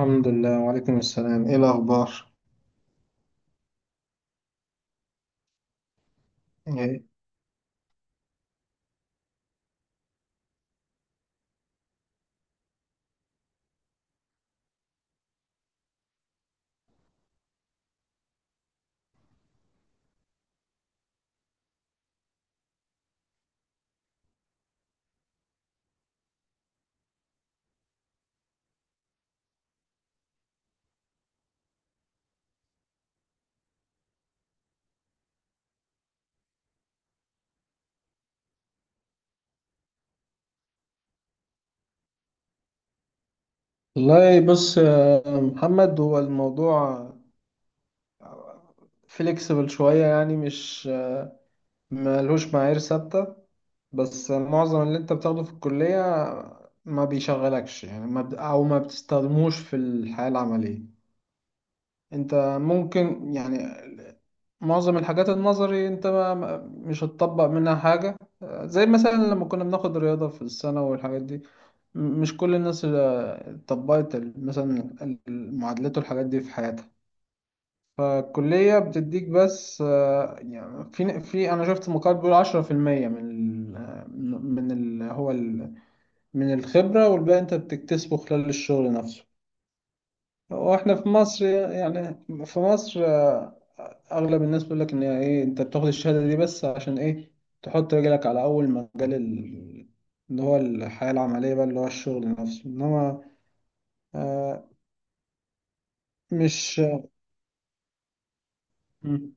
الحمد لله وعليكم السلام، ايه الاخبار؟ إيه؟ والله بص يا محمد، هو الموضوع فليكسبل شوية، يعني مش ملهوش معايير ثابتة. بس معظم اللي انت بتاخده في الكلية ما بيشغلكش، يعني ما بت- او ما بتستخدموش في الحياة العملية. انت ممكن يعني معظم الحاجات النظري انت مش هتطبق منها حاجة، زي مثلا لما كنا بناخد رياضة في السنة والحاجات دي. مش كل الناس اللي طبقت مثلا المعادلات والحاجات دي في حياتها. فالكلية بتديك بس، آه، يعني في في أنا شفت مقال بيقول عشرة في المية من ال من ال هو ال من الخبرة، والباقي أنت بتكتسبه خلال الشغل نفسه. وإحنا في مصر، يعني في مصر اغلب الناس بيقول لك ان هي ايه، انت بتاخد الشهاده دي بس عشان ايه؟ تحط رجلك على اول مجال اللي هو الحياه العمليه، بقى اللي هو الشغل نفسه، انما آه مش. مم.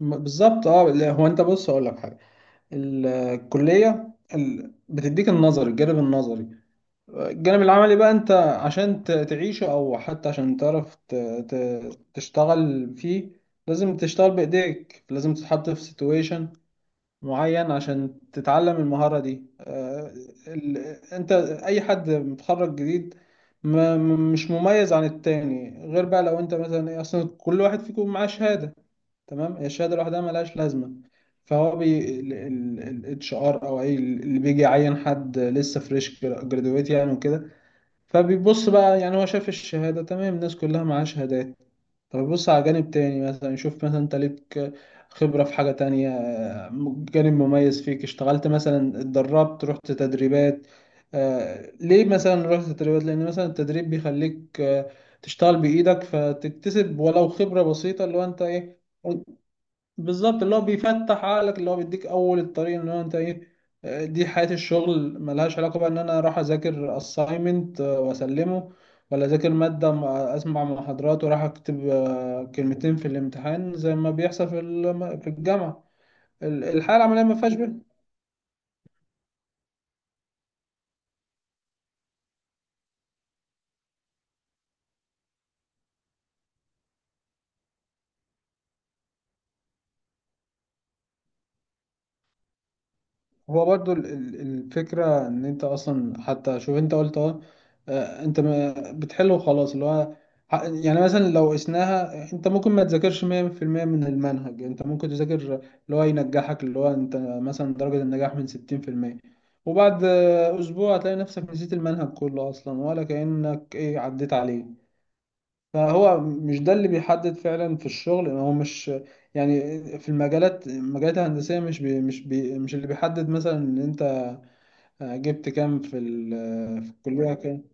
بالظبط، اه لا، هو انت بص اقول لك حاجه. الكليه بتديك النظري، الجانب النظري. الجانب العملي بقى، انت عشان تعيشه، او حتى عشان تعرف تشتغل فيه، لازم تشتغل بايديك، لازم تتحط في سيتويشن معين عشان تتعلم المهارة دي. آه، ال- انت، اي حد متخرج جديد مش مميز عن التاني، غير بقى لو انت مثلا ايه، اصلا كل واحد فيكم معاه شهادة تمام، هي الشهادة لوحدها ملهاش لازمة. فهو بي الاتش ار او اي اللي بيجي يعين حد لسه فريش جرادويت يعني وكده، فبيبص بقى، يعني هو شاف الشهادة تمام، الناس كلها معاها شهادات. طب يبص على جانب تاني مثلا، يشوف مثلا انت ليك خبرة في حاجة تانية، جانب مميز فيك، اشتغلت مثلا، اتدربت، رحت تدريبات. آه، ليه مثلا رحت تدريبات؟ لأن مثلا التدريب بيخليك، آه، تشتغل بإيدك، فتكتسب ولو خبرة بسيطة، اللي هو انت ايه. بالظبط، اللي هو بيفتح عقلك، اللي هو بيديك اول الطريق، ان هو انت ايه، آه، دي حياة الشغل، ملهاش علاقة بقى ان انا اروح اذاكر assignment، آه، wasلمه، ولا اذاكر مادة، اسمع محاضرات وراح اكتب، آه، كلمتين في الامتحان زي ما بيحصل في الجامعة. الحياة العملية ما فيهاش بيه. هو برضو الفكرة ان انت اصلا، حتى شوف انت قلت اه، آه، انت بتحل وخلاص، اللي هو يعني مثلا لو قسناها، انت ممكن ما تذاكرش 100% من المنهج، انت ممكن تذاكر اللي هو ينجحك، اللي هو انت مثلا درجة النجاح من 60%. وبعد آه، اسبوع هتلاقي نفسك نسيت المنهج كله اصلا، ولا كأنك ايه، عديت عليه. فهو مش ده اللي بيحدد فعلا في الشغل، هو مش، يعني في المجالات، المجالات الهندسية مش اللي بيحدد مثلا ان، آه، جبت كام آه، في الكلية كام.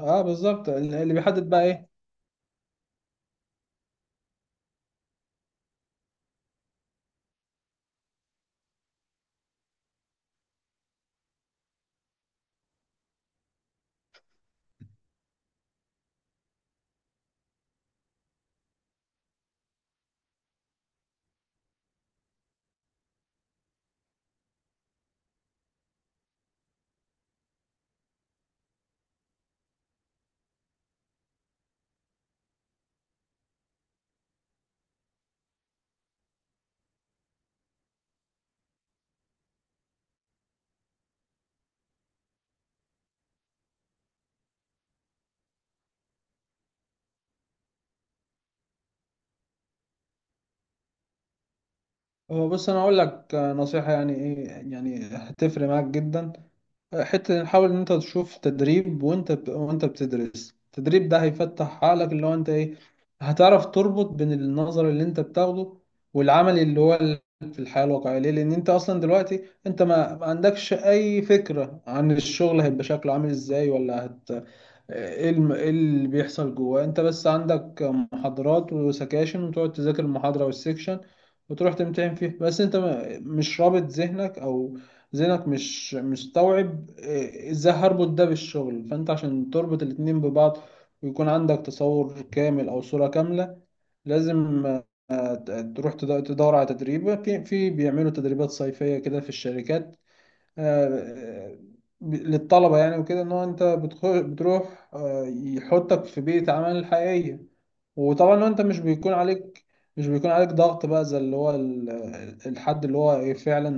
اه بالظبط، اللي بيحدد بقى ايه. هو بص انا اقول لك، آه، نصيحة يعني ايه، يعني هتفرق معاك جدا. حتة نحاول إن أنت تشوف تدريب، وأنت بتدرس، التدريب ده هيفتح عقلك، اللي هو أنت إيه، هتعرف تربط بين النظر اللي أنت بتاخده، والعمل اللي هو في الحياة الواقعية. ليه؟ لأن أنت أصلا دلوقتي أنت ما عندكش أي فكرة عن الشغل هيبقى شكله عامل إزاي، ولا هت، إيه إيه اللي بيحصل جواه. أنت بس عندك محاضرات وسكاشن، وتقعد تذاكر المحاضرة والسكشن وتروح تمتحن فيه، بس أنت مش رابط ذهنك، أو ذهنك مش مستوعب إيه، ازاي هربط ده بالشغل. فانت عشان تربط الاتنين ببعض، ويكون عندك تصور كامل او صورة كاملة، لازم، آه، تدور على تدريب. في في بيعملوا تدريبات صيفية كده في الشركات، آه، آه، للطلبة يعني وكده، ان هو انت بتروح، آه، يحطك في بيئة عمل حقيقية. وطبعا لو انت، مش بيكون عليك، مش بيكون عليك ضغط بقى زي اللي هو الحد اللي هو ايه، فعلا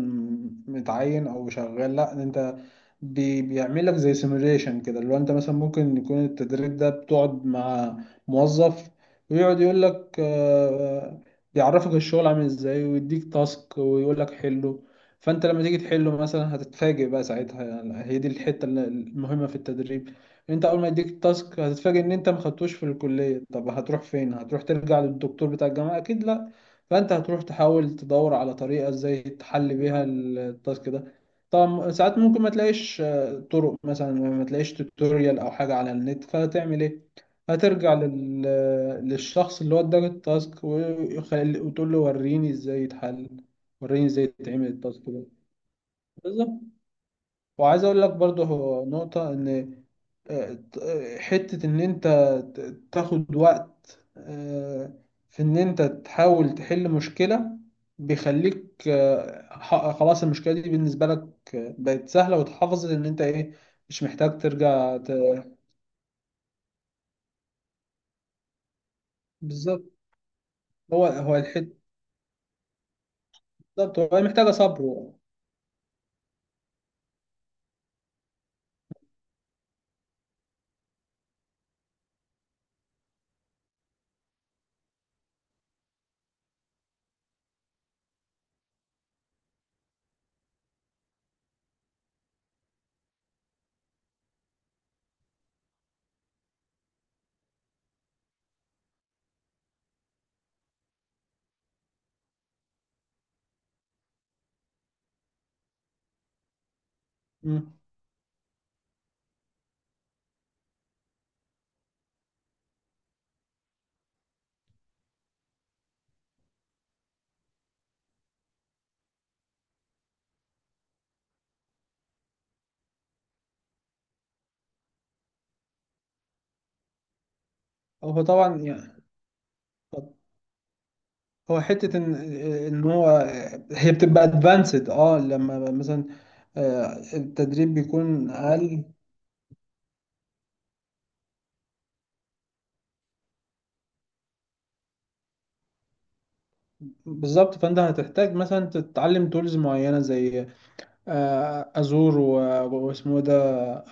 متعين او شغال، لا انت بيعمل لك زي سيموليشن كده، اللي هو انت مثلا ممكن يكون التدريب ده، بتقعد مع موظف ويقعد يقول لك، آه، بيعرفك الشغل عامل ازاي، ويديك تاسك ويقول لك حله. فانت لما تيجي تحله مثلا هتتفاجئ بقى ساعتها، يعني هي دي الحتة المهمة في التدريب. انت اول ما يديك التاسك هتتفاجئ ان انت ما خدتوش في الكليه، طب هتروح فين؟ هتروح ترجع للدكتور بتاع الجامعه اكيد؟ لا. فانت هتروح تحاول تدور على طريقه ازاي تحل بيها التاسك ده. طبعا ساعات ممكن ما تلاقيش، آه، طرق، مثلا ما تلاقيش توتوريال او حاجه على النت، فتعمل ايه؟ هترجع للشخص اللي هو اداك التاسك، وتقول له وريني ازاي يتحل، وريني ازاي يتعمل التاسك ده. بالظبط. وعايز اقول لك برضه، هو نقطة ان، آه، آه، حتة ان انت تاخد وقت، آه، في ان انت تحاول تحل مشكلة، بيخليك، آه، خلاص المشكلة دي بالنسبة لك، آه، بقت سهلة واتحفظت ان انت ايه، مش محتاج ترجع بالظبط. هو هو الحتة، بالظبط، هو محتاجة صبر. مم. هو طبعا يعني، هو حتة إن، إن هو هي بتبقى ادفانسد، أه، لما مثلا، آه، التدريب بيكون أقل. بالظبط، فأنت هتحتاج مثلا تتعلم تولز معينة زي، آه، أزور، واسمه ده،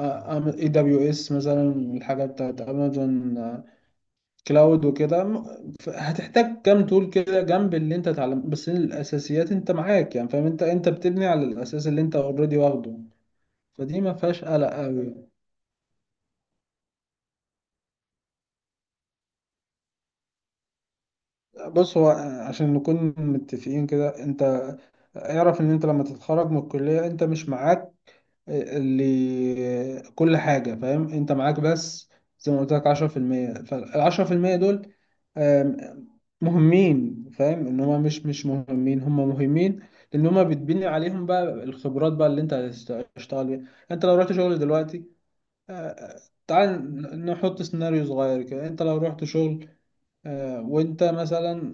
اي دبليو اس مثلا، الحاجة بتاعت أمازون كلاود وكده، هتحتاج كام تول كده جنب اللي أنت اتعلمته، بس الأساسيات أنت معاك، يعني فاهم، أنت بتبني على الأساس اللي أنت أوريدي واخده. فدي ما فيهاش قلق أوي. بص هو، عشان نكون متفقين كده، انت اعرف ان انت لما تتخرج من الكلية انت مش معاك اللي كل حاجة فاهم، انت معاك بس زي ما قلت لك 10%، فالعشرة في المية دول، آم، مهمين، فاهم ان هما مش مش مهمين، هما مهمين، لان هما بتبني عليهم بقى الخبرات بقى اللي انت هتشتغل بيها. انت لو رحت شغل دلوقتي، آه، تعال نحط سيناريو صغير كده، انت لو رحت شغل، آه، وانت مثلا،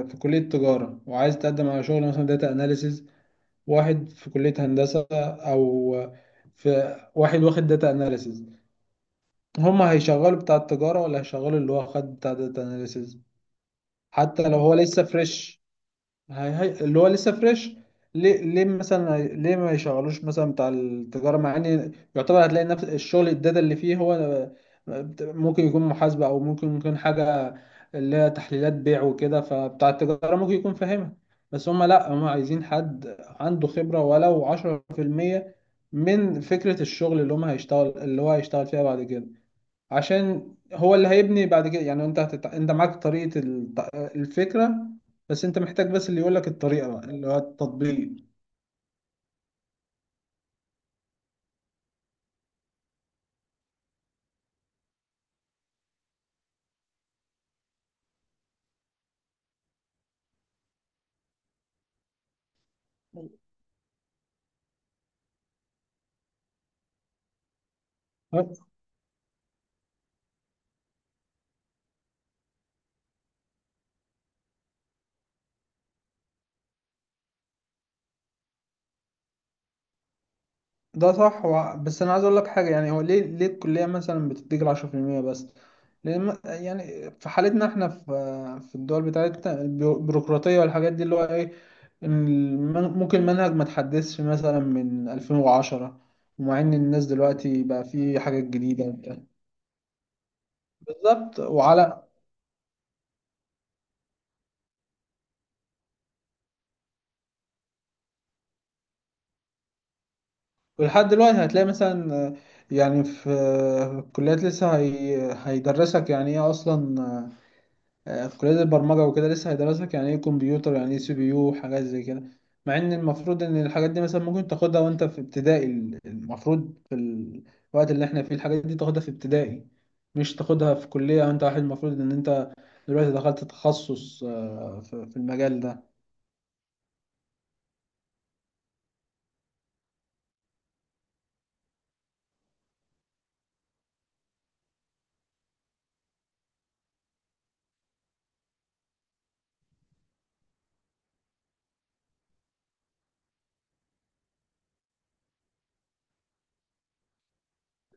آه، في كلية تجارة وعايز تقدم على شغل مثلا داتا اناليسز، واحد في كلية هندسة، او في واحد واخد داتا اناليسز، هما هيشغلوا بتاع التجارة ولا هيشغلوا اللي هو خد بتاع داتا اناليسز؟ حتى لو هو لسه فريش. هي هي اللي هو لسه فريش. ليه؟ مثلا ليه ما يشغلوش مثلا بتاع التجارة، مع ان يعتبر هتلاقي نفس الشغل، الداتا اللي فيه هو، آه، ممكن يكون محاسبة، او ممكن يكون حاجة اللي هي تحليلات بيع وكده، فبتاع التجارة ممكن يكون فاهمها، بس هما لا، هما عايزين حد عنده خبرة ولو 10% من فكرة الشغل اللي هما هيشتغل، اللي هو هيشتغل فيها بعد كده، عشان هو اللي هيبني بعد كده. يعني انت انت معاك طريقة الفكرة، بس انت محتاج بس اللي يقول لك الطريقة بقى، اللي هو التطبيق. بس. ده صح، بس انا عايز اقول لك حاجة، يعني هو ليه، الكلية مثلا بتديك العشرة في المية بس؟ لان يعني في حالتنا احنا في، في الدول بتاعتنا، البيروقراطية والحاجات دي اللي هو ايه، إن ممكن المنهج ما تحدثش مثلا من 2010، ومع ان الناس دلوقتي بقى في حاجات جديدة وبتاع. بالظبط وعلى. ولحد دلوقتي هتلاقي مثلا، آه، يعني في، آه، الكليات لسه هيدرسك يعني ايه اصلا، آه، في كليات البرمجة وكده لسه هيدرسك يعني ايه كمبيوتر، يعني ايه سي بي يو، وحاجات زي كده، مع ان المفروض ان الحاجات دي مثلا ممكن تاخدها وانت في ابتدائي. المفروض في الوقت اللي احنا فيه الحاجات دي تاخدها في ابتدائي، مش تاخدها في كلية وانت واحد المفروض ان انت دلوقتي دخلت تخصص، آه، في في المجال ده.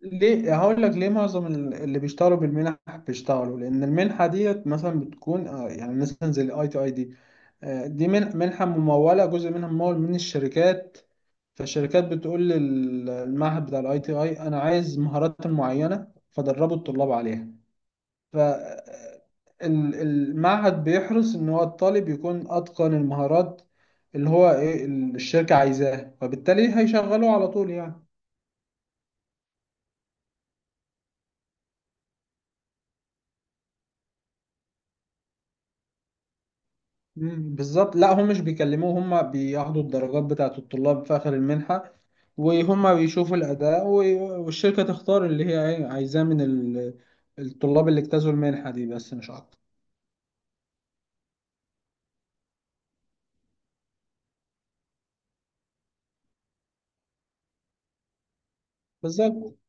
ليه؟ هقول لك ليه. معظم اللي بيشتغلوا بالمنح بيشتغلوا لان المنحه ديت مثلا بتكون، آه، يعني مثلا زي الاي تي اي دي، آه، دي منحه مموله، جزء منها ممول من الشركات. فالشركات بتقول للمعهد بتاع الاي تي اي انا عايز مهارات معينه فدربوا الطلاب عليها. ف، آه، المعهد بيحرص ان هو الطالب يكون اتقن المهارات اللي هو ايه الشركه عايزاها، فبالتالي هيشغلوه على طول يعني. مم، بالظبط. لا، هم مش بيكلموه، هم بياخدوا الدرجات بتاعة الطلاب في آخر المنحة، وهم بيشوفوا الأداء، والشركة تختار اللي هي عايزاه من الطلاب اللي اجتازوا المنحة دي بس، مش أكتر. بالظبط.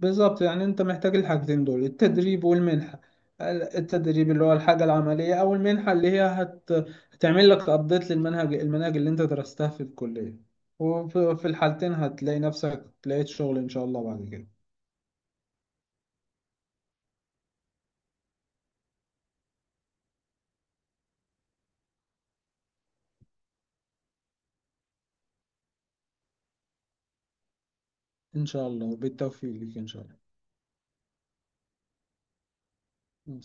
بالظبط، يعني أنت محتاج الحاجتين دول، التدريب والمنحة. التدريب اللي هو الحاجة العملية، أو المنحة اللي هي هتعمل لك أبديت للمنهج، المناهج اللي أنت درستها في الكلية. وفي في الحالتين هتلاقي نفسك لقيت شغل إن شاء الله بعد كده. إن شاء الله بالتوفيق لك إن شاء الله. مم.